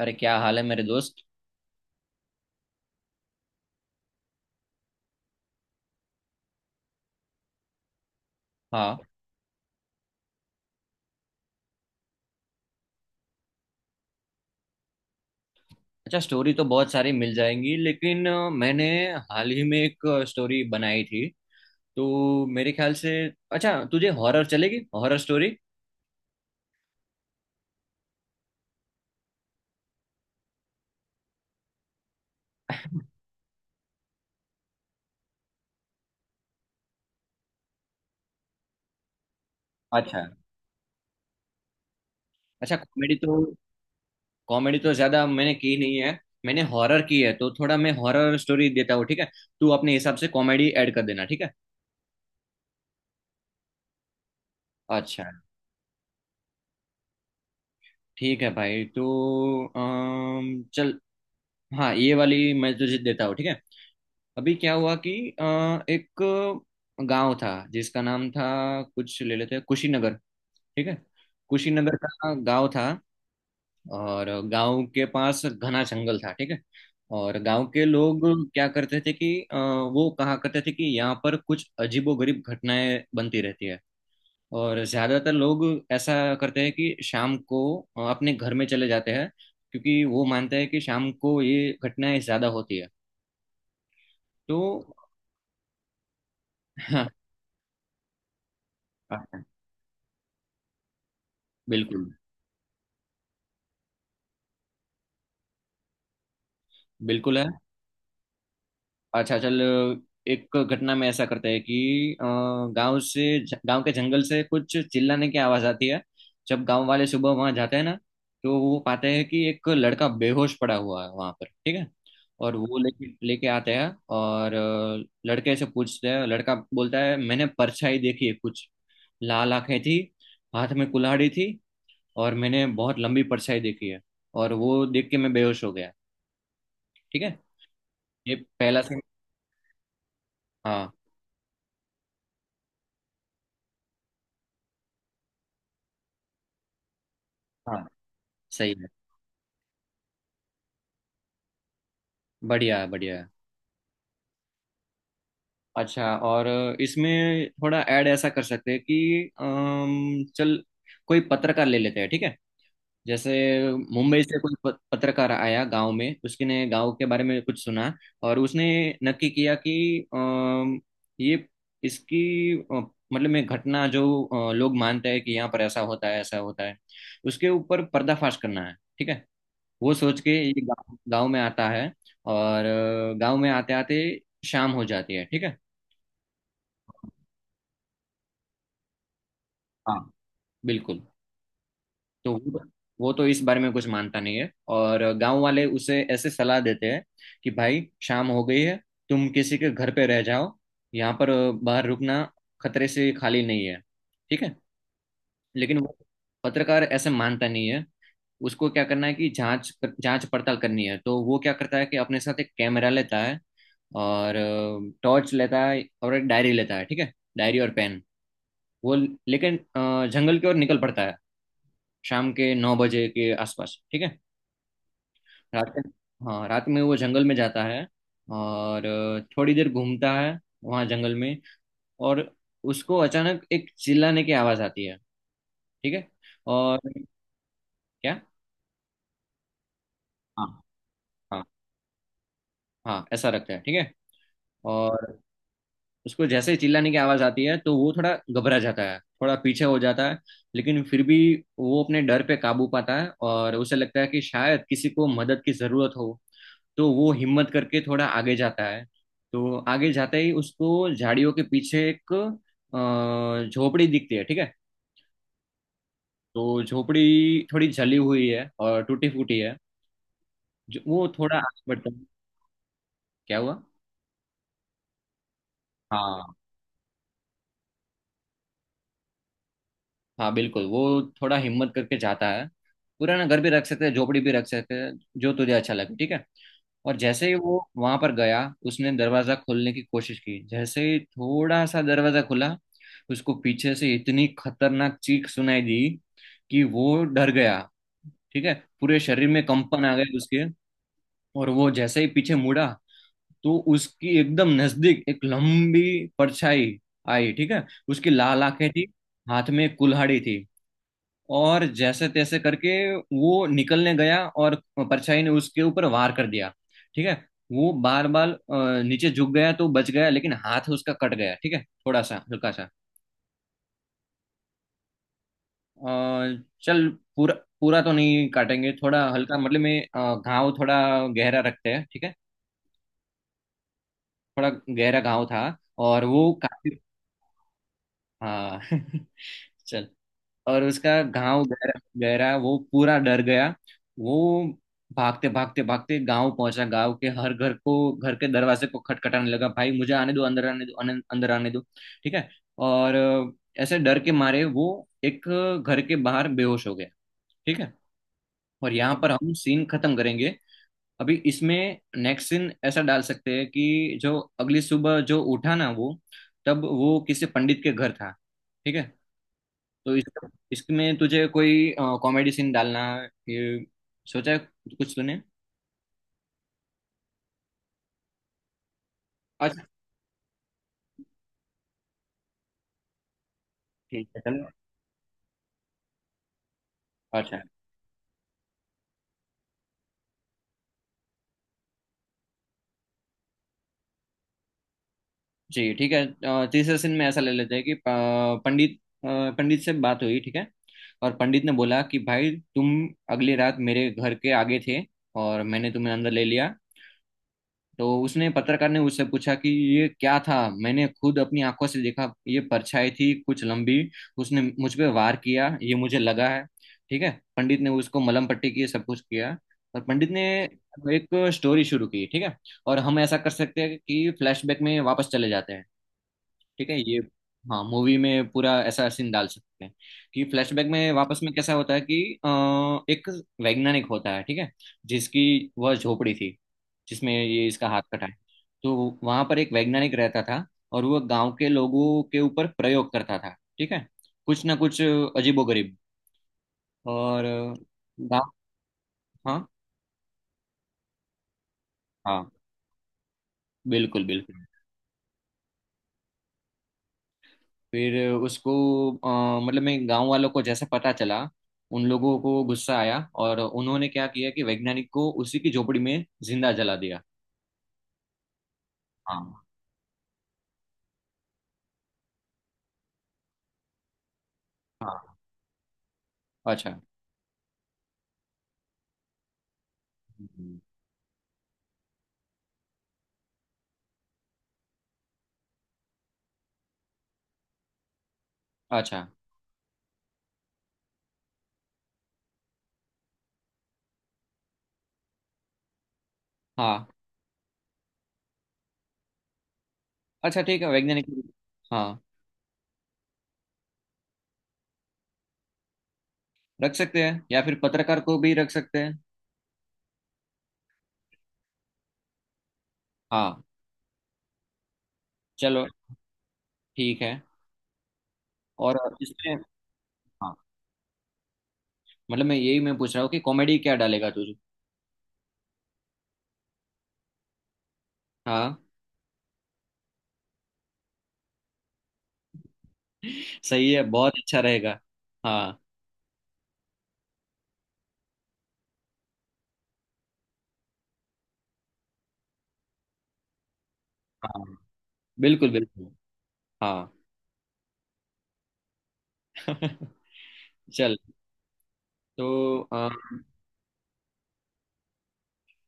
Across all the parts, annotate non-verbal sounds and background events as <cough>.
अरे क्या हाल है मेरे दोस्त। हाँ। अच्छा, स्टोरी तो बहुत सारी मिल जाएंगी, लेकिन मैंने हाल ही में एक स्टोरी बनाई थी, तो मेरे ख्याल से। अच्छा, तुझे हॉरर चलेगी? Horror story? अच्छा। अच्छा, कॉमेडी तो ज्यादा मैंने की नहीं है। मैंने हॉरर की है, तो थोड़ा मैं हॉरर स्टोरी देता हूँ, ठीक है? तू अपने हिसाब से कॉमेडी ऐड कर देना, ठीक है? अच्छा। ठीक है भाई, तो चल, हाँ ये वाली मैं तुझे देता हूँ, ठीक है? अभी क्या हुआ कि अ, एक गांव था जिसका नाम था, कुछ ले लेते हैं, कुशीनगर। ठीक है? कुशीनगर का गांव था, और गांव के पास घना जंगल था, ठीक है? और गांव के लोग क्या करते थे कि वो कहा करते थे कि यहाँ पर कुछ अजीबोगरीब घटनाएं बनती रहती है। और ज्यादातर लोग ऐसा करते हैं कि शाम को अपने घर में चले जाते हैं, क्योंकि वो मानते हैं कि शाम को ये घटनाएं ज्यादा होती है, तो। हाँ। हाँ, हाँ, बिल्कुल। बिल्कुल है। अच्छा चल, एक घटना में ऐसा करते हैं कि गांव से गांव के जंगल से कुछ चिल्लाने की आवाज आती है। जब गांव वाले सुबह वहां जाते हैं ना, तो वो पाते हैं कि एक लड़का बेहोश पड़ा हुआ है वहां पर, ठीक है? और वो लेके लेके आते हैं, और लड़के से पूछते हैं। लड़का बोलता है, मैंने परछाई देखी है कुछ, लाल आंखें थी, हाथ में कुल्हाड़ी थी, और मैंने बहुत लंबी परछाई देखी है, और वो देख के मैं बेहोश हो गया। ठीक है? ये पहला सीन। हाँ। हाँ, सही है। बढ़िया है, बढ़िया है। अच्छा, और इसमें थोड़ा ऐड ऐसा कर सकते हैं कि चल, कोई पत्रकार ले लेते हैं, ठीक है? जैसे मुंबई से कोई पत्रकार आया गांव में, उसने गांव के बारे में कुछ सुना। और उसने नक्की किया कि ये इसकी मतलब में घटना जो, लोग मानते हैं कि यहाँ पर ऐसा होता है ऐसा होता है, उसके ऊपर पर्दाफाश करना है, ठीक है? वो सोच के ये गांव गांव में आता है। और गांव में आते आते शाम हो जाती है, ठीक है? हाँ, बिल्कुल। तो वो तो इस बारे में कुछ मानता नहीं है, और गांव वाले उसे ऐसे सलाह देते हैं कि भाई, शाम हो गई है, तुम किसी के घर पे रह जाओ, यहाँ पर बाहर रुकना खतरे से खाली नहीं है, ठीक है? लेकिन वो पत्रकार ऐसे मानता नहीं है। उसको क्या करना है कि जांच जांच पड़ताल करनी है। तो वो क्या करता है कि अपने साथ एक कैमरा लेता है, और टॉर्च लेता है, और एक डायरी लेता है, ठीक है? डायरी और पेन वो लेकिन, जंगल की ओर निकल पड़ता है, शाम के 9 बजे के आसपास, ठीक है? रात के। हाँ, रात में वो जंगल में जाता है, और थोड़ी देर घूमता है वहाँ जंगल में। और उसको अचानक एक चिल्लाने की आवाज़ आती है, ठीक है? और। क्या? हाँ, हाँ, हाँ, ऐसा रखता है, ठीक है? और उसको जैसे ही चिल्लाने की आवाज आती है, तो वो थोड़ा घबरा जाता है, थोड़ा पीछे हो जाता है। लेकिन फिर भी वो अपने डर पे काबू पाता है, और उसे लगता है कि शायद किसी को मदद की जरूरत हो। तो वो हिम्मत करके थोड़ा आगे जाता है। तो आगे जाते ही उसको झाड़ियों के पीछे एक झोपड़ी दिखती है, ठीक है? तो झोपड़ी थोड़ी जली हुई है और टूटी फूटी है। जो वो थोड़ा आगे बढ़ता है। क्या हुआ? हाँ, हाँ बिल्कुल, वो थोड़ा हिम्मत करके जाता है। पुराना घर भी रख सकते हैं, झोपड़ी भी रख सकते हैं, जो तुझे अच्छा लगे, ठीक है? और जैसे ही वो वहां पर गया, उसने दरवाजा खोलने की कोशिश की। जैसे ही थोड़ा सा दरवाजा खुला, उसको पीछे से इतनी खतरनाक चीख सुनाई दी कि वो डर गया, ठीक है? पूरे शरीर में कंपन आ गए उसके। और वो जैसे ही पीछे मुड़ा, तो उसकी एकदम नजदीक एक लंबी परछाई आई, ठीक है? उसकी लाल आंखें थी, हाथ में एक कुल्हाड़ी थी। और जैसे तैसे करके वो निकलने गया, और परछाई ने उसके ऊपर वार कर दिया, ठीक है? वो बार बार नीचे झुक गया तो बच गया, लेकिन हाथ उसका कट गया, ठीक है? थोड़ा सा, हल्का सा। चल, पूरा, पूरा तो नहीं काटेंगे, थोड़ा हल्का, मतलब में घाव थोड़ा गहरा रखते हैं, ठीक है? थोड़ा गहरा घाव था। और वो काफी। हाँ <laughs> चल, और उसका घाव गहरा गहरा, वो पूरा डर गया। वो भागते भागते भागते गांव पहुंचा, गांव के हर घर को, घर के दरवाजे को खटखटाने लगा, भाई मुझे आने दो, अंदर आने दो, अंदर आने दो, ठीक है? और ऐसे डर के मारे वो एक घर के बाहर बेहोश हो गया, ठीक है? और यहाँ पर हम सीन खत्म करेंगे। अभी इसमें नेक्स्ट सीन ऐसा डाल सकते हैं कि जो अगली सुबह जो उठा ना वो, तब वो किसी पंडित के घर था, ठीक है? तो इस इसमें तुझे कोई कॉमेडी सीन डालना, ये सोचा है कुछ तूने? अच्छा। ठीक है चलो। अच्छा। जी ठीक है। तीसरे सीन में ऐसा ले लेते हैं कि पंडित अ, पंडित से बात हुई, ठीक है? और पंडित ने बोला कि भाई, तुम अगली रात मेरे घर के आगे थे, और मैंने तुम्हें अंदर ले लिया। तो उसने पत्रकार ने उससे पूछा कि ये क्या था, मैंने खुद अपनी आंखों से देखा, ये परछाई थी कुछ लंबी, उसने मुझ पे वार किया, ये मुझे लगा है, ठीक है? पंडित ने उसको मलहम पट्टी की, सब कुछ किया। और पंडित ने एक स्टोरी शुरू की, ठीक है? और हम ऐसा कर सकते हैं कि फ्लैशबैक में वापस चले जाते हैं, ठीक है? ये, हाँ, मूवी में पूरा ऐसा सीन डाल सकते हैं कि फ्लैशबैक में वापस में कैसा होता है कि अ, एक वैज्ञानिक होता है, ठीक है? जिसकी वह झोपड़ी थी जिसमें ये इसका हाथ कटा है। तो वहां पर एक वैज्ञानिक रहता था, और वह गांव के लोगों के ऊपर प्रयोग करता था, ठीक है? कुछ ना कुछ अजीबोगरीब। और गाँव। हाँ, हाँ, बिल्कुल बिल्कुल। फिर उसको, मतलब मैं, गांव वालों को जैसे पता चला, उन लोगों को गुस्सा आया, और उन्होंने क्या किया कि वैज्ञानिक को उसी की झोपड़ी में जिंदा जला दिया। हाँ। हाँ। अच्छा। हम्म, अच्छा। हाँ। अच्छा, ठीक है, वैज्ञानिक। हाँ, रख सकते हैं, या फिर पत्रकार को भी रख सकते हैं। हाँ। चलो, ठीक है। और इसमें, हाँ, मतलब मैं यही मैं पूछ रहा हूँ कि कॉमेडी क्या डालेगा तू। हाँ <laughs> सही है, बहुत अच्छा रहेगा। हाँ। हाँ, बिल्कुल बिल्कुल। हाँ <laughs> चल, तो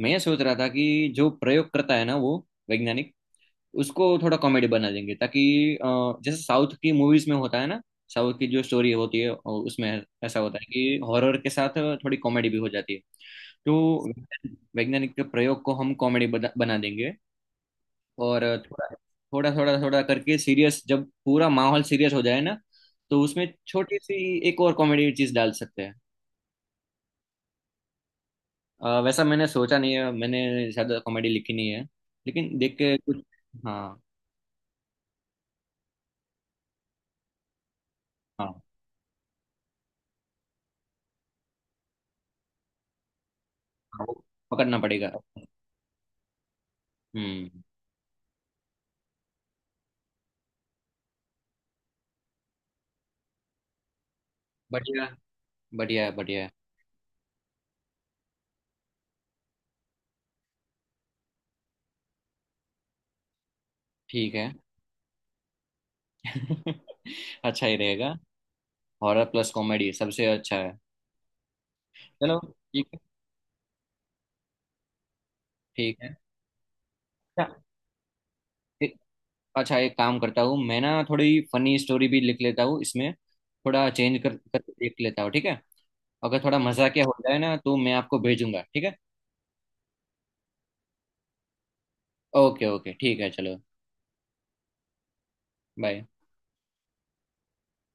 मैं ये सोच रहा था कि जो प्रयोग करता है ना वो वैज्ञानिक, उसको थोड़ा कॉमेडी बना देंगे, ताकि जैसे साउथ की मूवीज में होता है ना, साउथ की जो स्टोरी होती है उसमें ऐसा होता है कि हॉरर के साथ थोड़ी कॉमेडी भी हो जाती है, तो वैज्ञानिक के प्रयोग को हम कॉमेडी बना बना देंगे। और थोड़ा थोड़ा थोड़ा करके सीरियस, जब पूरा माहौल सीरियस हो जाए ना, तो उसमें छोटी सी एक और कॉमेडी चीज डाल सकते हैं। वैसा मैंने सोचा नहीं है, मैंने शायद कॉमेडी लिखी नहीं है, लेकिन देख के कुछ। हाँ। हाँ, हाँ, वो पकड़ना पड़ेगा। हम्म बढ़िया, बढ़िया, बढ़िया। ठीक है <laughs> अच्छा ही रहेगा। हॉरर प्लस कॉमेडी सबसे अच्छा है। चलो ठीक है। ठीक है। अच्छा। एक अच्छा, एक काम करता हूँ, मैं ना थोड़ी फनी स्टोरी भी लिख लेता हूँ इसमें, थोड़ा चेंज कर कर देख लेता हूँ, ठीक है? अगर थोड़ा मजाकिया हो जाए ना, तो मैं आपको भेजूंगा, ठीक है? ओके, ओके, ठीक है, चलो। बाय।